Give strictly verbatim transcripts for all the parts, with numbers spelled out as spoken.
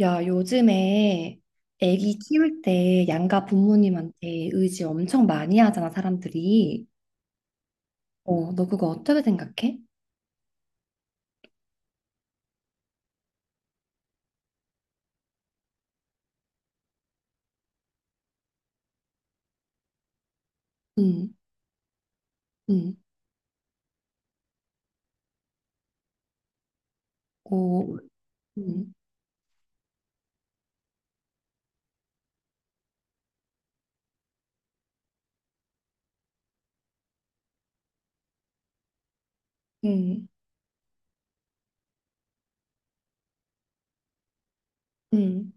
야, 요즘에 애기 키울 때 양가 부모님한테 의지 엄청 많이 하잖아, 사람들이. 어, 너 그거 어떻게 생각해? 응, 응, 어, 응, 응, 응,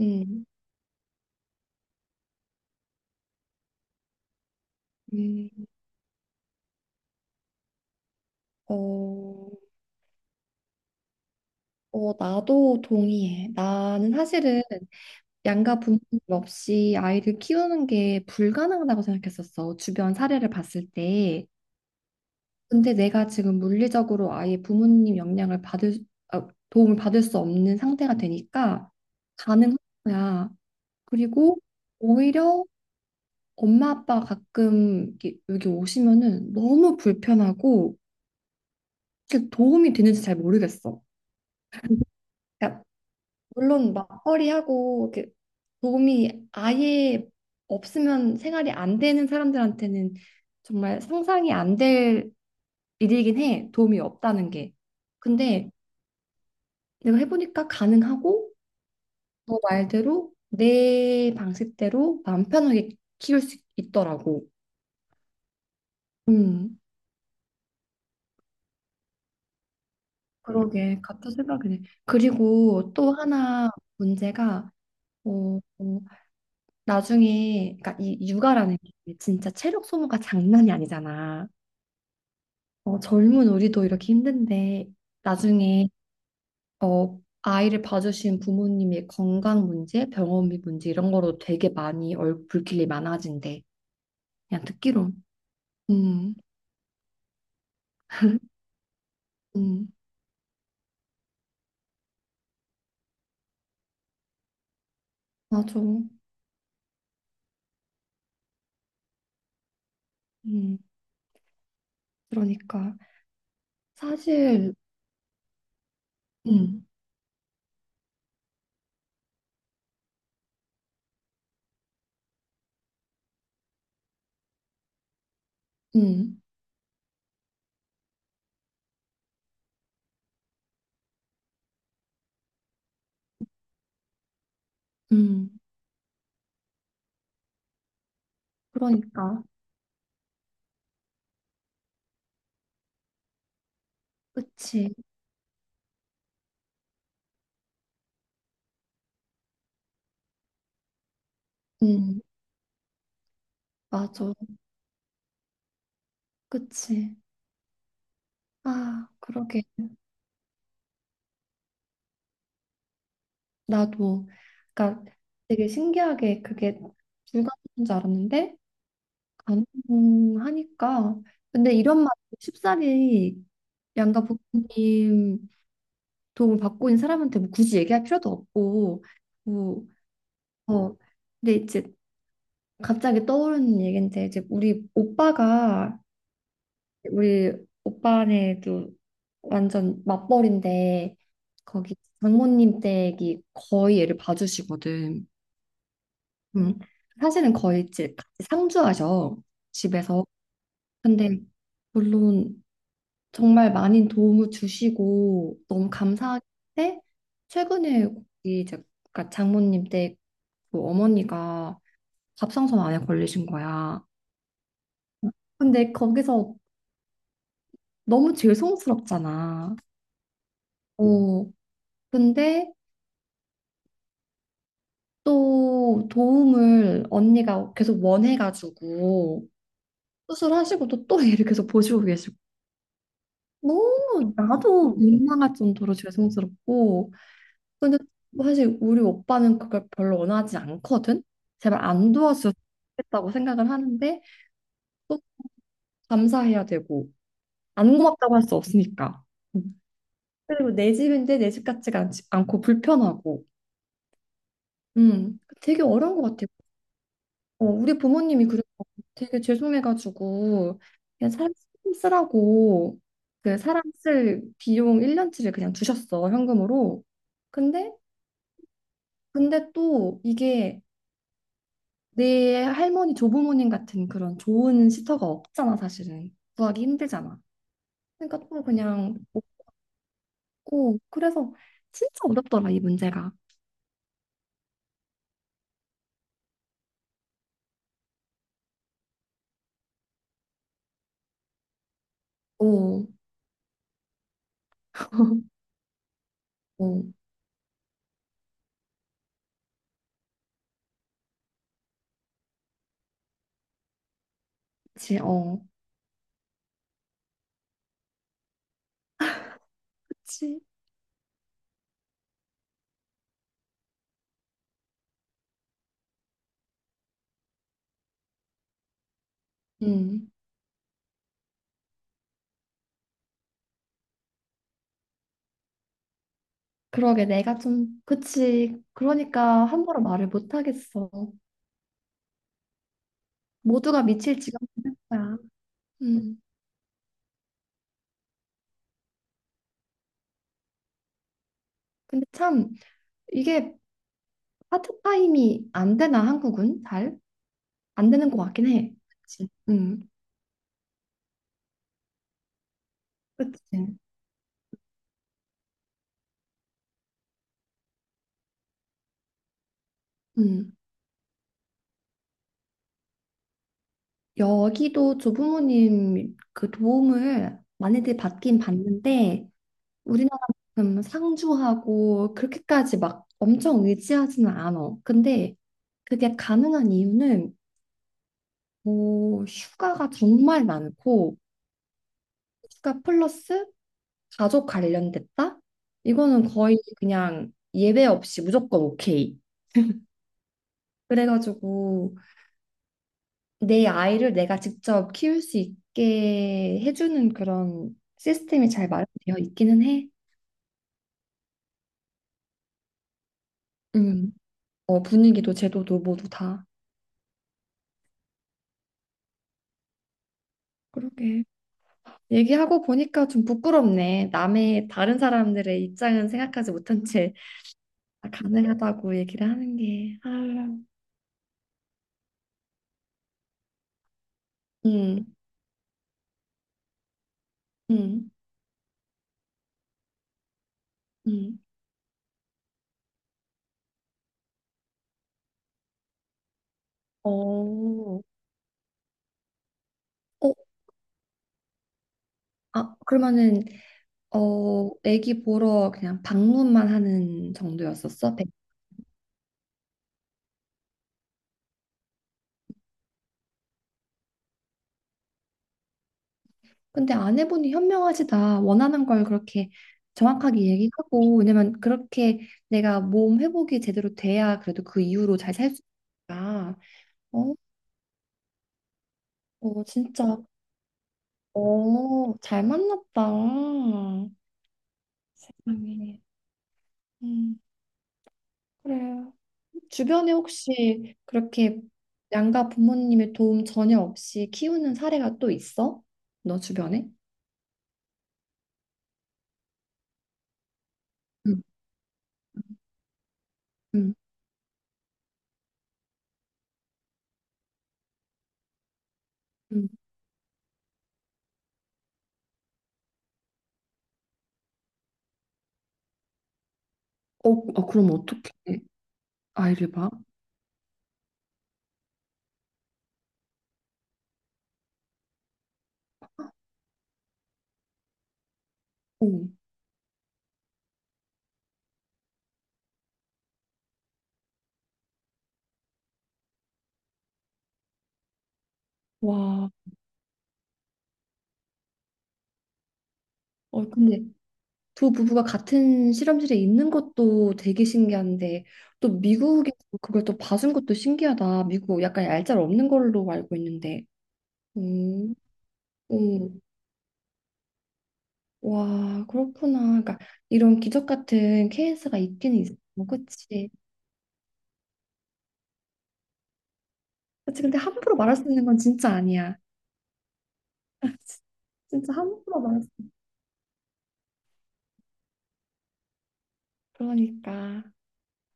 응, 응. 어, 어, 나도 동의해. 나는 사실은 양가 부모님 없이 아이를 키우는 게 불가능하다고 생각했었어. 주변 사례를 봤을 때. 근데 내가 지금 물리적으로 아예 부모님 영향을 받을 수- 아, 도움을 받을 수 없는 상태가 되니까 가능한 거야. 그리고 오히려 엄마 아빠가 가끔 이렇게 여기 오시면은 너무 불편하고 사실 도움이 되는지 잘 모르겠어. 그러니까 물론 맞벌이하고 이렇게 도움이 아예 없으면 생활이 안 되는 사람들한테는 정말 상상이 안 될 일이긴 해. 도움이 없다는 게. 근데 내가 해보니까 가능하고 너 말대로 내 방식대로 마음 편하게 키울 수 있더라고. 음, 그러게 같은 생각이네. 그리고 또 하나 문제가 어, 어, 나중에 그러니까 이 육아라는 게 진짜 체력 소모가 장난이 아니잖아. 어, 젊은 우리도 이렇게 힘든데 나중에 어, 아이를 봐주신 부모님의 건강 문제, 병원비 문제 이런 거로 되게 많이 얼- 불길이 많아진대. 그냥 듣기로. 음. 음, 맞아. 음, 그러니까. 사실, 음, 음, 음, 그러니까. 그치. 음, 맞아. 그치. 아, 그러게. 나도. 그러니까 되게 신기하게 그게 불가능한 줄 알았는데, 가능하니까. 근데 이런 말, 쉽사리 양가 부모님 도움을 받고 있는 사람한테 뭐 굳이 얘기할 필요도 없고, 뭐, 어, 근데 이제 갑자기 떠오르는 얘긴데 이제 우리 오빠가 우리 오빠네도 완전 맞벌인데 거기 장모님 댁이 거의 얘를 봐주시거든. 음. 사실은 거의 이제 같이 상주하셔 집에서. 근데 물론 정말 많은 도움을 주시고 너무 감사한데 최근에 거기 이제 그러니까 장모님 댁그 어머니가 갑상선 암에 걸리신 거야. 근데 거기서 너무 죄송스럽잖아. 음, 어, 근데 또 도움을 언니가 계속 원해가지고 수술하시고도 또 얘를 계속 보시고 계시고 너무 나도 민망할 정도로 죄송스럽고 근데 사실 우리 오빠는 그걸 별로 원하지 않거든. 제발 안 도와줬으면 좋겠다고 생각을 하는데 또 감사해야 되고 안 고맙다고 할 수 없으니까. 음. 그리고 내 집인데 내 집 같지가 않, 않고 불편하고. 음, 되게 어려운 것 같아. 어, 우리 부모님이 그래서 되게 죄송해가지고 그냥 사람 쓰라고 그 사람 쓸 비용 일 년치를 그냥 주셨어 현금으로. 근데 근데 또 이게 내 할머니 조부모님 같은 그런 좋은 시터가 없잖아 사실은 구하기 힘들잖아. 그러니까 또 그냥 없고 그래서 진짜 어렵더라 이 문제가. 어, 어, 그치, 어, 그치. 음. 그러게 내가 좀 그치 그러니까 함부로 말을 못 하겠어 모두가 미칠 지경인 거야 음 근데 참 이게 파트타임이 안 되나 한국은 잘 안 되는 것 같긴 해 그치 음 그치? 음, 여기도 조부모님 그 도움을 많이들 받긴 받는데 우리나라만큼 상주하고 그렇게까지 막 엄청 의지하지는 않아. 근데 그게 가능한 이유는 오, 휴가가 정말 많고, 휴가 플러스 가족 관련됐다? 이거는 거의 그냥 예외 없이 무조건 오케이. 그래가지고 내 아이를 내가 직접 키울 수 있게 해주는 그런 시스템이 잘 마련되어 있기는 해. 음, 어, 분위기도 제도도 모두 다. 그러게. 얘기하고 보니까 좀 부끄럽네. 남의 다른 사람들의 입장은 생각하지 못한 채 다 가능하다고 얘기를 하는 게. 아 음. 음, 음. 어, 어, 아, 그러면은, 어, 애기 보러 그냥 방문만 하는 정도였었어? 백- 근데 아내분이 현명하시다. 원하는 걸 그렇게 정확하게 얘기하고, 왜냐면 그렇게 내가 몸 회복이 제대로 돼야 그래도 그 이후로 잘 살 수 있으니까. 어, 어, 진짜, 어, 잘 만났다. 세상에. 음, 그래. 주변에 혹시 그렇게 양가 부모님의 도움 전혀 없이 키우는 사례가 또 있어? 너 주변에? 응, 응, 응. 어, 어, 그럼 어떻게 아이를 봐? 어. 와, 어, 근데 두 부부가 같은 실험실에 있는 것도 되게 신기한데 또 미국에서 그걸 또 봐준 것도 신기하다. 미국 약간 얄짤없는 걸로 알고 있는데. 음, 음. 와, 그렇구나. 그러니까 이런 기적 같은 케이스가 있긴 있어. 그치? 그치, 근데 함부로 말할 수 있는 건 진짜 아니야. 진짜 함부로 말할 수 있는. 그러니까.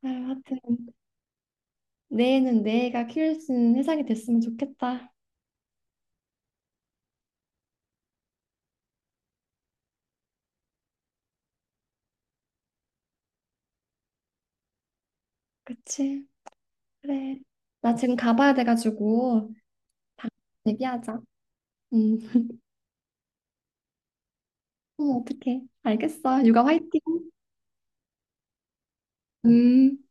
아유, 하여튼 내일은 내가 키울 수 있는 세상이 됐으면 좋겠다. 그치? 그래. 나 지금 가봐야 돼가지고 다음에 얘기하자. 음, 어, 어떡해. 알겠어. 육아 화이팅. 음.